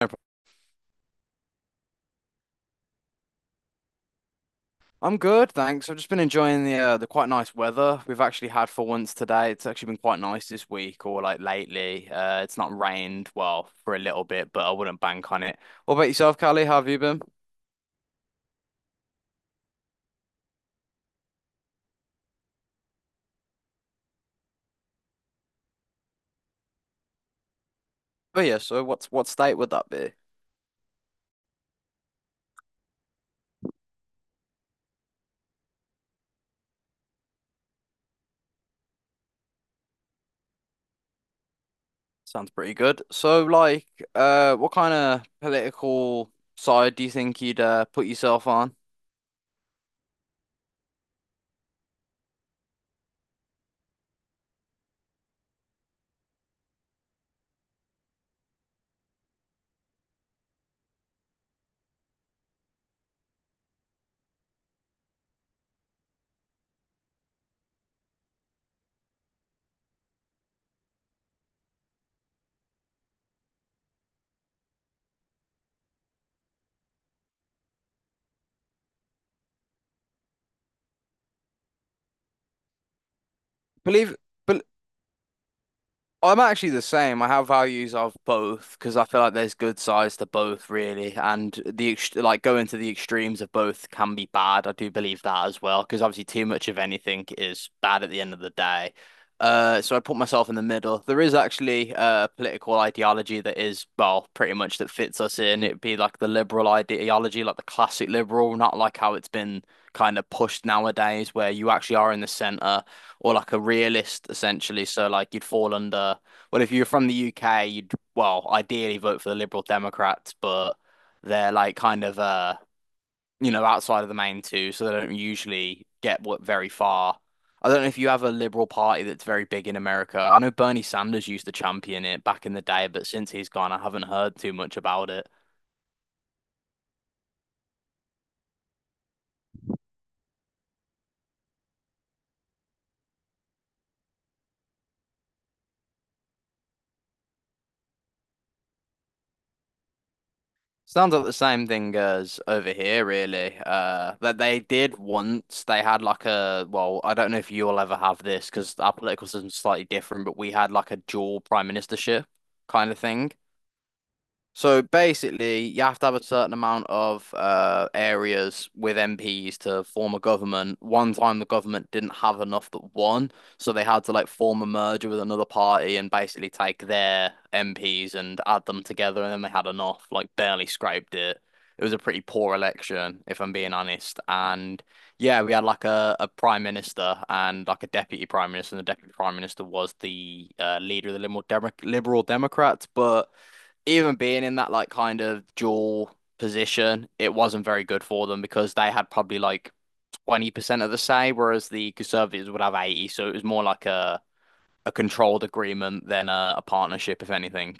No prob- I'm good, thanks. I've just been enjoying the quite nice weather we've actually had for once today. It's actually been quite nice this week or like lately. It's not rained well for a little bit, but I wouldn't bank on it. What about yourself, Callie? How have you been? Oh yeah, so what state would that be? Sounds pretty good. So like, what kind of political side do you think you'd put yourself on? Believe. I'm actually the same. I have values of both because I feel like there's good sides to both, really, and the ex like going to the extremes of both can be bad. I do believe that as well because obviously too much of anything is bad at the end of the day. So I put myself in the middle. There is actually a political ideology that is, well, pretty much that fits us in. It'd be like the liberal ideology, like the classic liberal, not like how it's been kind of pushed nowadays, where you actually are in the center or like a realist essentially. So like you'd fall under, well, if you're from the UK, you'd well ideally vote for the Liberal Democrats, but they're like kind of you know outside of the main two, so they don't usually get what very far. I don't know if you have a Liberal Party that's very big in America. I know Bernie Sanders used to champion it back in the day, but since he's gone, I haven't heard too much about it. Sounds like the same thing as over here, really. That they did once. They had like well, I don't know if you'll ever have this because our political system's slightly different, but we had like a dual prime ministership kind of thing. So basically, you have to have a certain amount of areas with MPs to form a government. One time, the government didn't have enough that won, so they had to like form a merger with another party and basically take their MPs and add them together, and then they had enough, like barely scraped it. It was a pretty poor election, if I'm being honest. And yeah, we had like a prime minister and like a deputy prime minister, and the deputy prime minister was the leader of the Liberal Democrats, but even being in that like kind of dual position, it wasn't very good for them because they had probably like 20% of the say, whereas the Conservatives would have 80. So it was more like a controlled agreement than a partnership, if anything.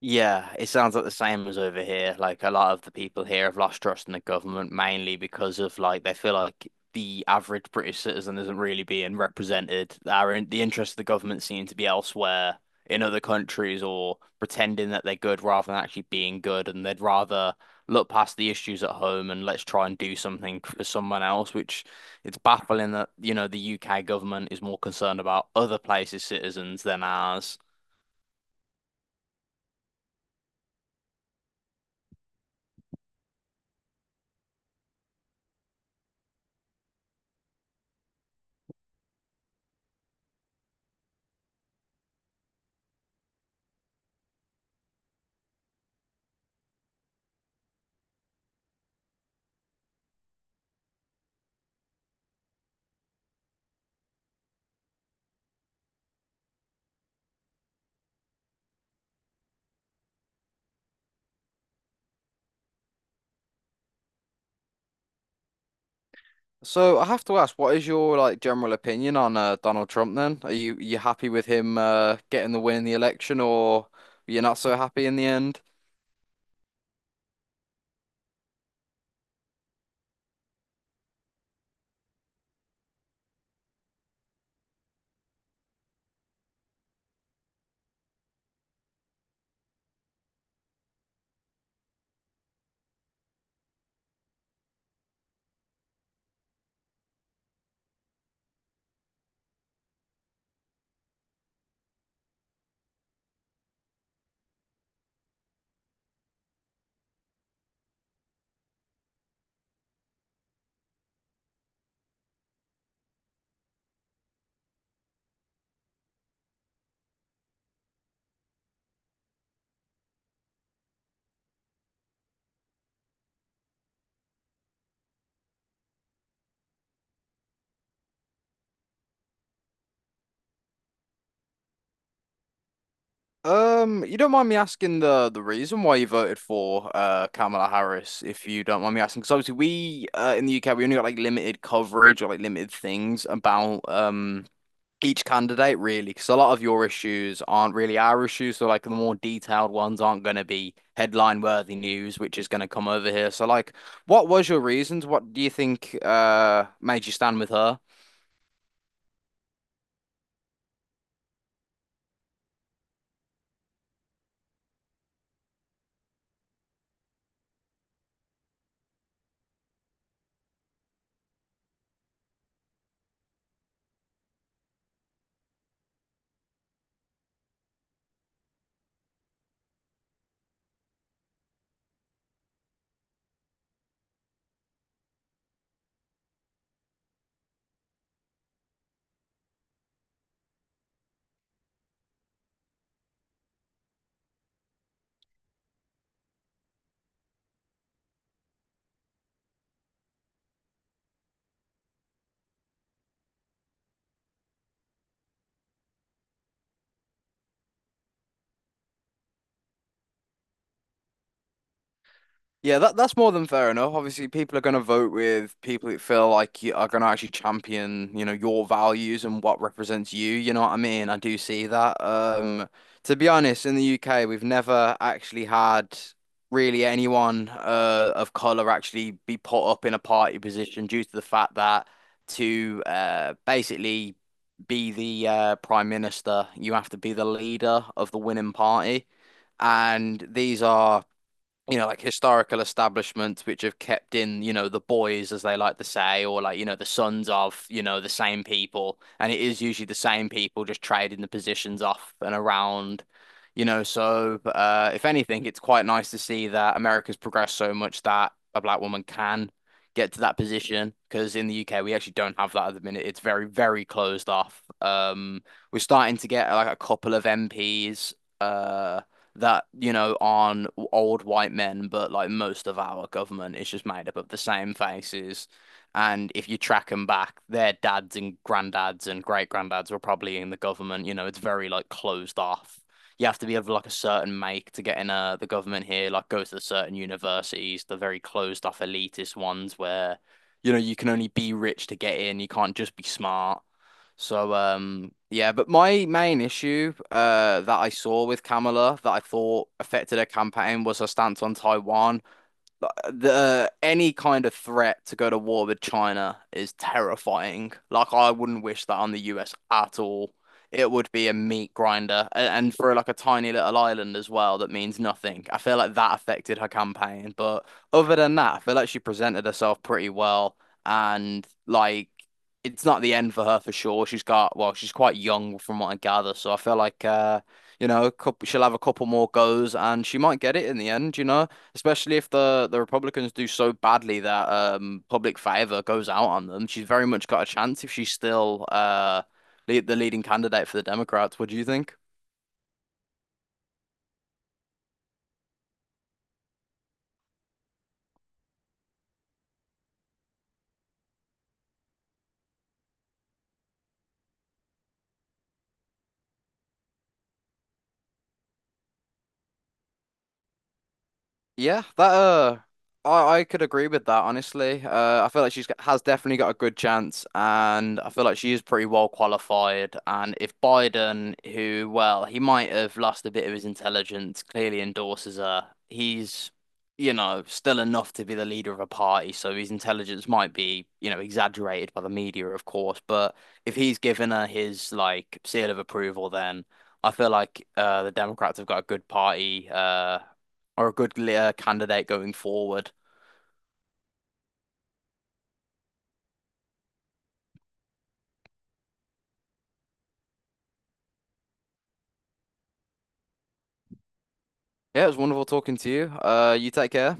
Yeah, it sounds like the same as over here. Like a lot of the people here have lost trust in the government mainly because of like they feel like the average British citizen isn't really being represented. Our in the interests of the government seem to be elsewhere in other countries or pretending that they're good rather than actually being good, and they'd rather look past the issues at home and let's try and do something for someone else, which it's baffling that, you know, the UK government is more concerned about other places' citizens than ours. So I have to ask, what is your like general opinion on Donald Trump then? Are you happy with him getting the win in the election, or you're not so happy in the end? You don't mind me asking the reason why you voted for Kamala Harris, if you don't mind me asking, because obviously we in the UK we only got like limited coverage or like limited things about each candidate really because a lot of your issues aren't really our issues so like the more detailed ones aren't going to be headline worthy news which is going to come over here so like what was your reasons what do you think made you stand with her. Yeah, that that's more than fair enough. Obviously, people are going to vote with people that feel like you are going to actually champion, you know, your values and what represents you. You know what I mean? I do see that. To be honest, in the UK, we've never actually had really anyone of color actually be put up in a party position due to the fact that to basically be the prime minister, you have to be the leader of the winning party, and these are you know, like historical establishments which have kept in, you know, the boys, as they like to say, or like, you know, the sons of, you know, the same people. And it is usually the same people just trading the positions off and around, you know. So, if anything, it's quite nice to see that America's progressed so much that a black woman can get to that position. Because in the UK, we actually don't have that at the minute. It's very, very closed off. We're starting to get like a couple of MPs. Uh, that, you know, aren't old white men, but like most of our government is just made up of the same faces. And if you track them back, their dads and granddads and great granddads were probably in the government. You know, it's very like closed off. You have to be of like a certain make to get in the government here, like go to the certain universities, the very closed off elitist ones where, you know, you can only be rich to get in. You can't just be smart. So yeah, but my main issue that I saw with Kamala that I thought affected her campaign was her stance on Taiwan. The any kind of threat to go to war with China is terrifying. Like I wouldn't wish that on the US at all. It would be a meat grinder, A- and for like a tiny little island as well, that means nothing. I feel like that affected her campaign, but other than that, I feel like she presented herself pretty well, and like it's not the end for her for sure. She's got well, she's quite young from what I gather, so I feel like you know, she'll have a couple more goes, and she might get it in the end. You know especially if the Republicans do so badly that public favor goes out on them. She's very much got a chance if she's still the leading candidate for the Democrats. What do you think? Yeah, that uh, I could agree with that honestly. I feel like has definitely got a good chance, and I feel like she is pretty well qualified. And if Biden, who well, he might have lost a bit of his intelligence, clearly endorses her, he's you know still enough to be the leader of a party, so his intelligence might be you know exaggerated by the media, of course. But if he's given her his like seal of approval, then. I feel like the Democrats have got a good party. Are a good candidate going forward. Yeah, it was wonderful talking to you. You take care.